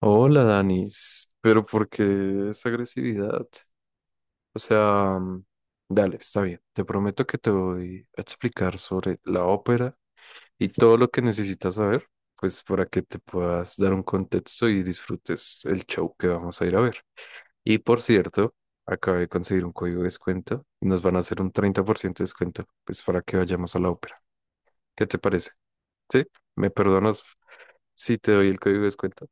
Hola, Danis, pero ¿por qué esa agresividad? O sea, dale, está bien. Te prometo que te voy a explicar sobre la ópera y todo lo que necesitas saber, pues para que te puedas dar un contexto y disfrutes el show que vamos a ir a ver. Y por cierto, acabé de conseguir un código de descuento y nos van a hacer un 30% de descuento, pues para que vayamos a la ópera. ¿Qué te parece? ¿Sí? ¿Me perdonas si te doy el código de descuento?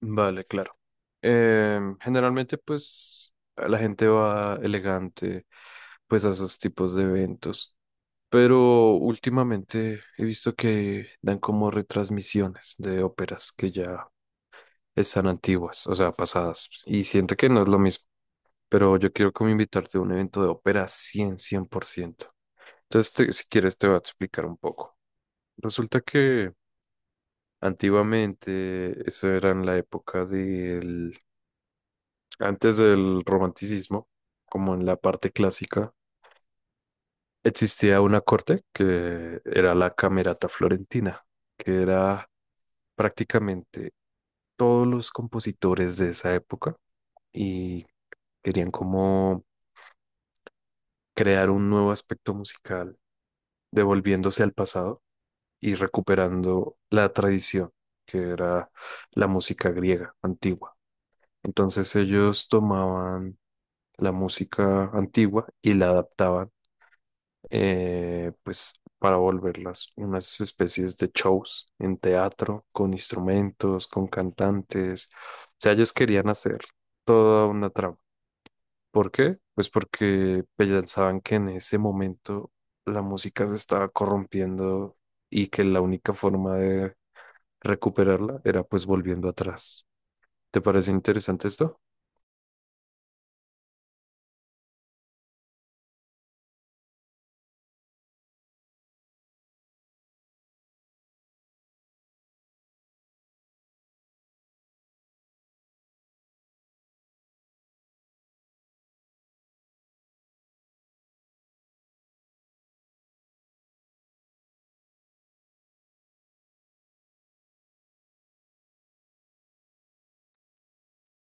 Vale, claro. Generalmente, pues, la gente va elegante, pues, a esos tipos de eventos. Pero últimamente he visto que dan como retransmisiones de óperas que ya están antiguas, o sea, pasadas. Y siento que no es lo mismo. Pero yo quiero como invitarte a un evento de ópera cien por ciento. Entonces, si quieres, te voy a explicar un poco. Resulta que antiguamente, eso era en la época del antes del romanticismo, como en la parte clásica. Existía una corte que era la Camerata Florentina, que era prácticamente todos los compositores de esa época y querían como crear un nuevo aspecto musical, devolviéndose al pasado y recuperando la tradición, que era la música griega antigua. Entonces ellos tomaban la música antigua y la adaptaban, pues, para volverlas unas especies de shows en teatro, con instrumentos, con cantantes. O sea, ellos querían hacer toda una trama. ¿Por qué? Pues porque pensaban que en ese momento la música se estaba corrompiendo y que la única forma de recuperarla era, pues, volviendo atrás. ¿Te parece interesante esto?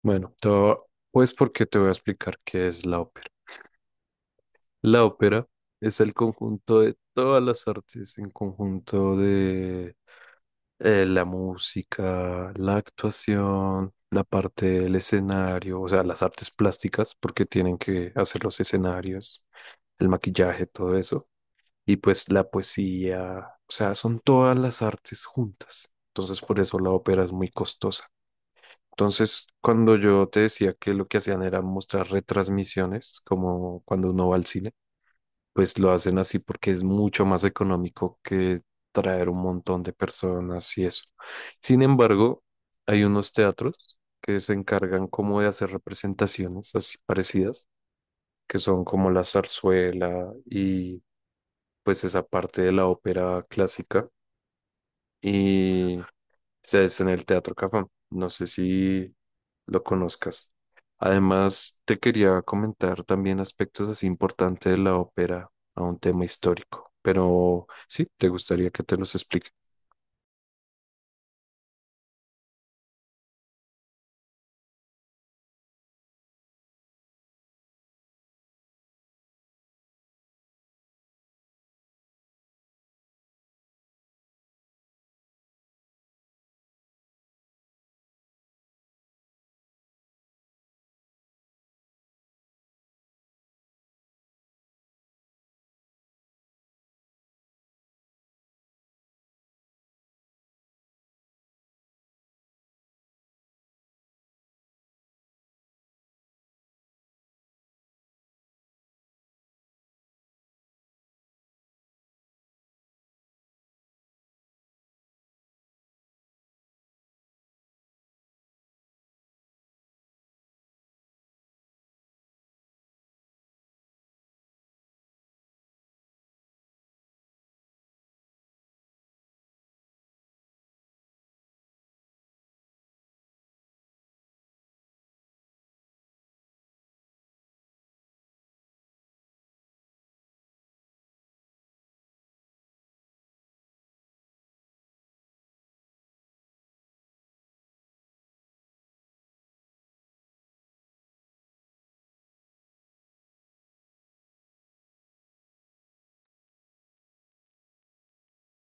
Bueno, todo, pues porque te voy a explicar qué es la ópera. La ópera es el conjunto de todas las artes, en conjunto de, la música, la actuación, la parte del escenario, o sea, las artes plásticas, porque tienen que hacer los escenarios, el maquillaje, todo eso, y pues la poesía. O sea, son todas las artes juntas. Entonces, por eso la ópera es muy costosa. Entonces, cuando yo te decía que lo que hacían era mostrar retransmisiones, como cuando uno va al cine, pues lo hacen así porque es mucho más económico que traer un montón de personas y eso. Sin embargo, hay unos teatros que se encargan como de hacer representaciones así parecidas, que son como la zarzuela y, pues, esa parte de la ópera clásica, y se hace en el Teatro Cafam. No sé si lo conozcas. Además, te quería comentar también aspectos así importantes de la ópera a un tema histórico, pero sí, te gustaría que te los explique.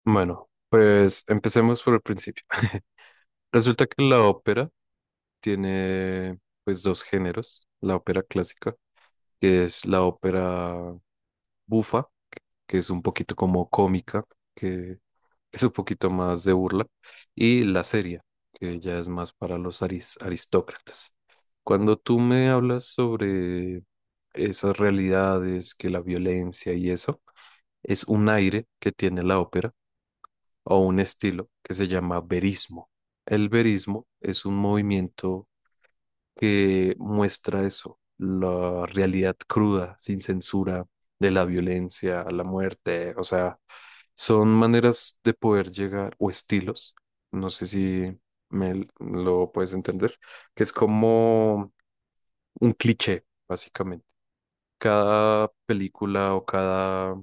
Bueno, pues empecemos por el principio. Resulta que la ópera tiene, pues, dos géneros: la ópera clásica, que es la ópera bufa, que es un poquito como cómica, que es un poquito más de burla, y la seria, que ya es más para los aristócratas. Cuando tú me hablas sobre esas realidades, que la violencia y eso, es un aire que tiene la ópera o un estilo que se llama verismo. El verismo es un movimiento que muestra eso, la realidad cruda, sin censura, de la violencia, la muerte. O sea, son maneras de poder llegar, o estilos, no sé si me lo puedes entender, que es como un cliché, básicamente. Cada película o cada,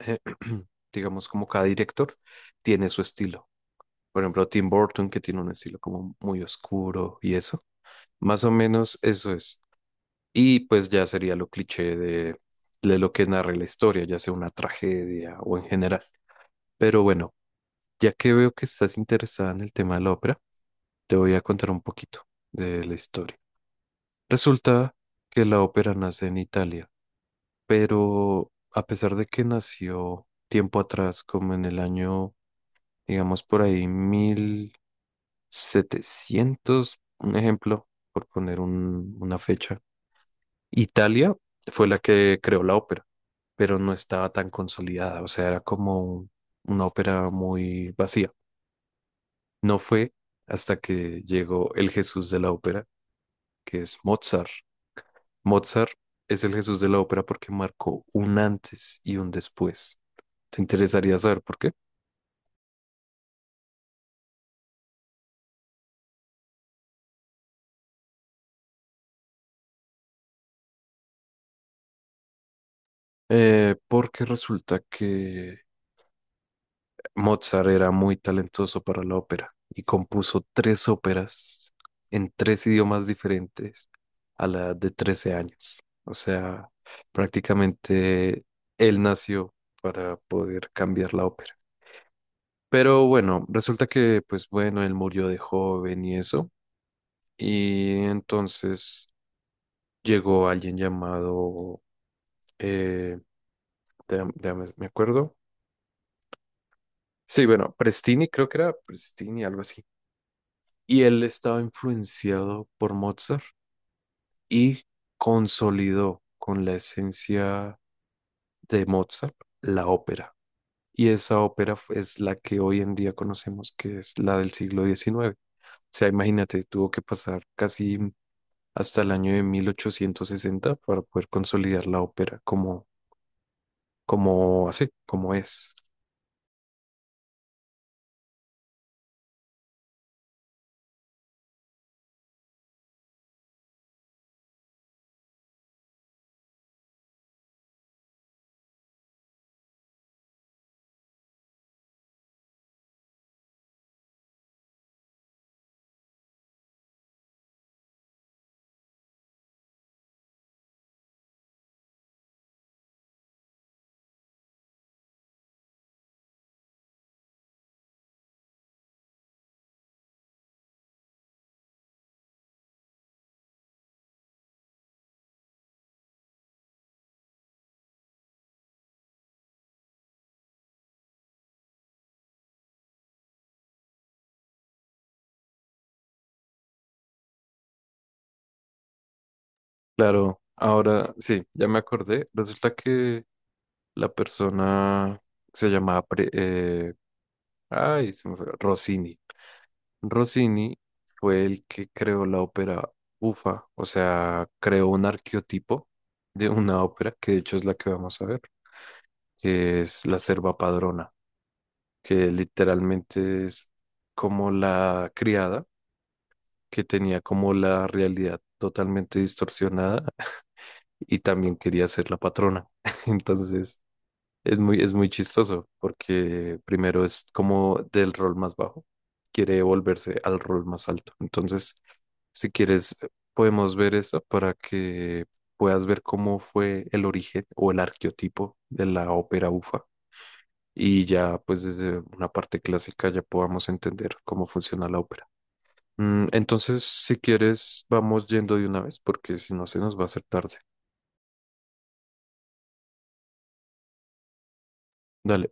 eh, digamos, como cada director tiene su estilo. Por ejemplo, Tim Burton, que tiene un estilo como muy oscuro y eso. Más o menos eso es. Y pues ya sería lo cliché de lo que narra la historia, ya sea una tragedia o en general. Pero bueno, ya que veo que estás interesada en el tema de la ópera, te voy a contar un poquito de la historia. Resulta que la ópera nace en Italia, pero a pesar de que nació tiempo atrás, como en el año, digamos por ahí, 1700, un ejemplo, por poner una fecha. Italia fue la que creó la ópera, pero no estaba tan consolidada, o sea, era como una ópera muy vacía. No fue hasta que llegó el Jesús de la ópera, que es Mozart. Mozart es el Jesús de la ópera porque marcó un antes y un después. ¿Te interesaría saber por qué? Porque resulta que Mozart era muy talentoso para la ópera y compuso tres óperas en tres idiomas diferentes a la edad de 13 años. O sea, prácticamente él nació para poder cambiar la ópera. Pero bueno, resulta que, pues bueno, él murió de joven y eso. Y entonces llegó alguien llamado, eh, me acuerdo. Sí, bueno, Prestini, creo que era Prestini, algo así. Y él estaba influenciado por Mozart y consolidó con la esencia de Mozart la ópera. Y esa ópera es la que hoy en día conocemos, que es la del siglo XIX. O sea, imagínate, tuvo que pasar casi hasta el año de 1860 para poder consolidar la ópera como, como así, como es. Claro, ahora sí, ya me acordé. Resulta que la persona se llamaba Ay, se me fue. Rossini. Rossini fue el que creó la ópera bufa, o sea, creó un arqueotipo de una ópera, que de hecho es la que vamos a ver, que es la serva padrona, que literalmente es como la criada, que tenía como la realidad totalmente distorsionada y también quería ser la patrona. Entonces, es muy, es muy chistoso porque primero es como del rol más bajo, quiere volverse al rol más alto. Entonces, si quieres, podemos ver eso para que puedas ver cómo fue el origen o el arqueotipo de la ópera bufa, y ya pues desde una parte clásica ya podamos entender cómo funciona la ópera. Entonces, si quieres, vamos yendo de una vez porque si no se nos va a hacer tarde. Dale.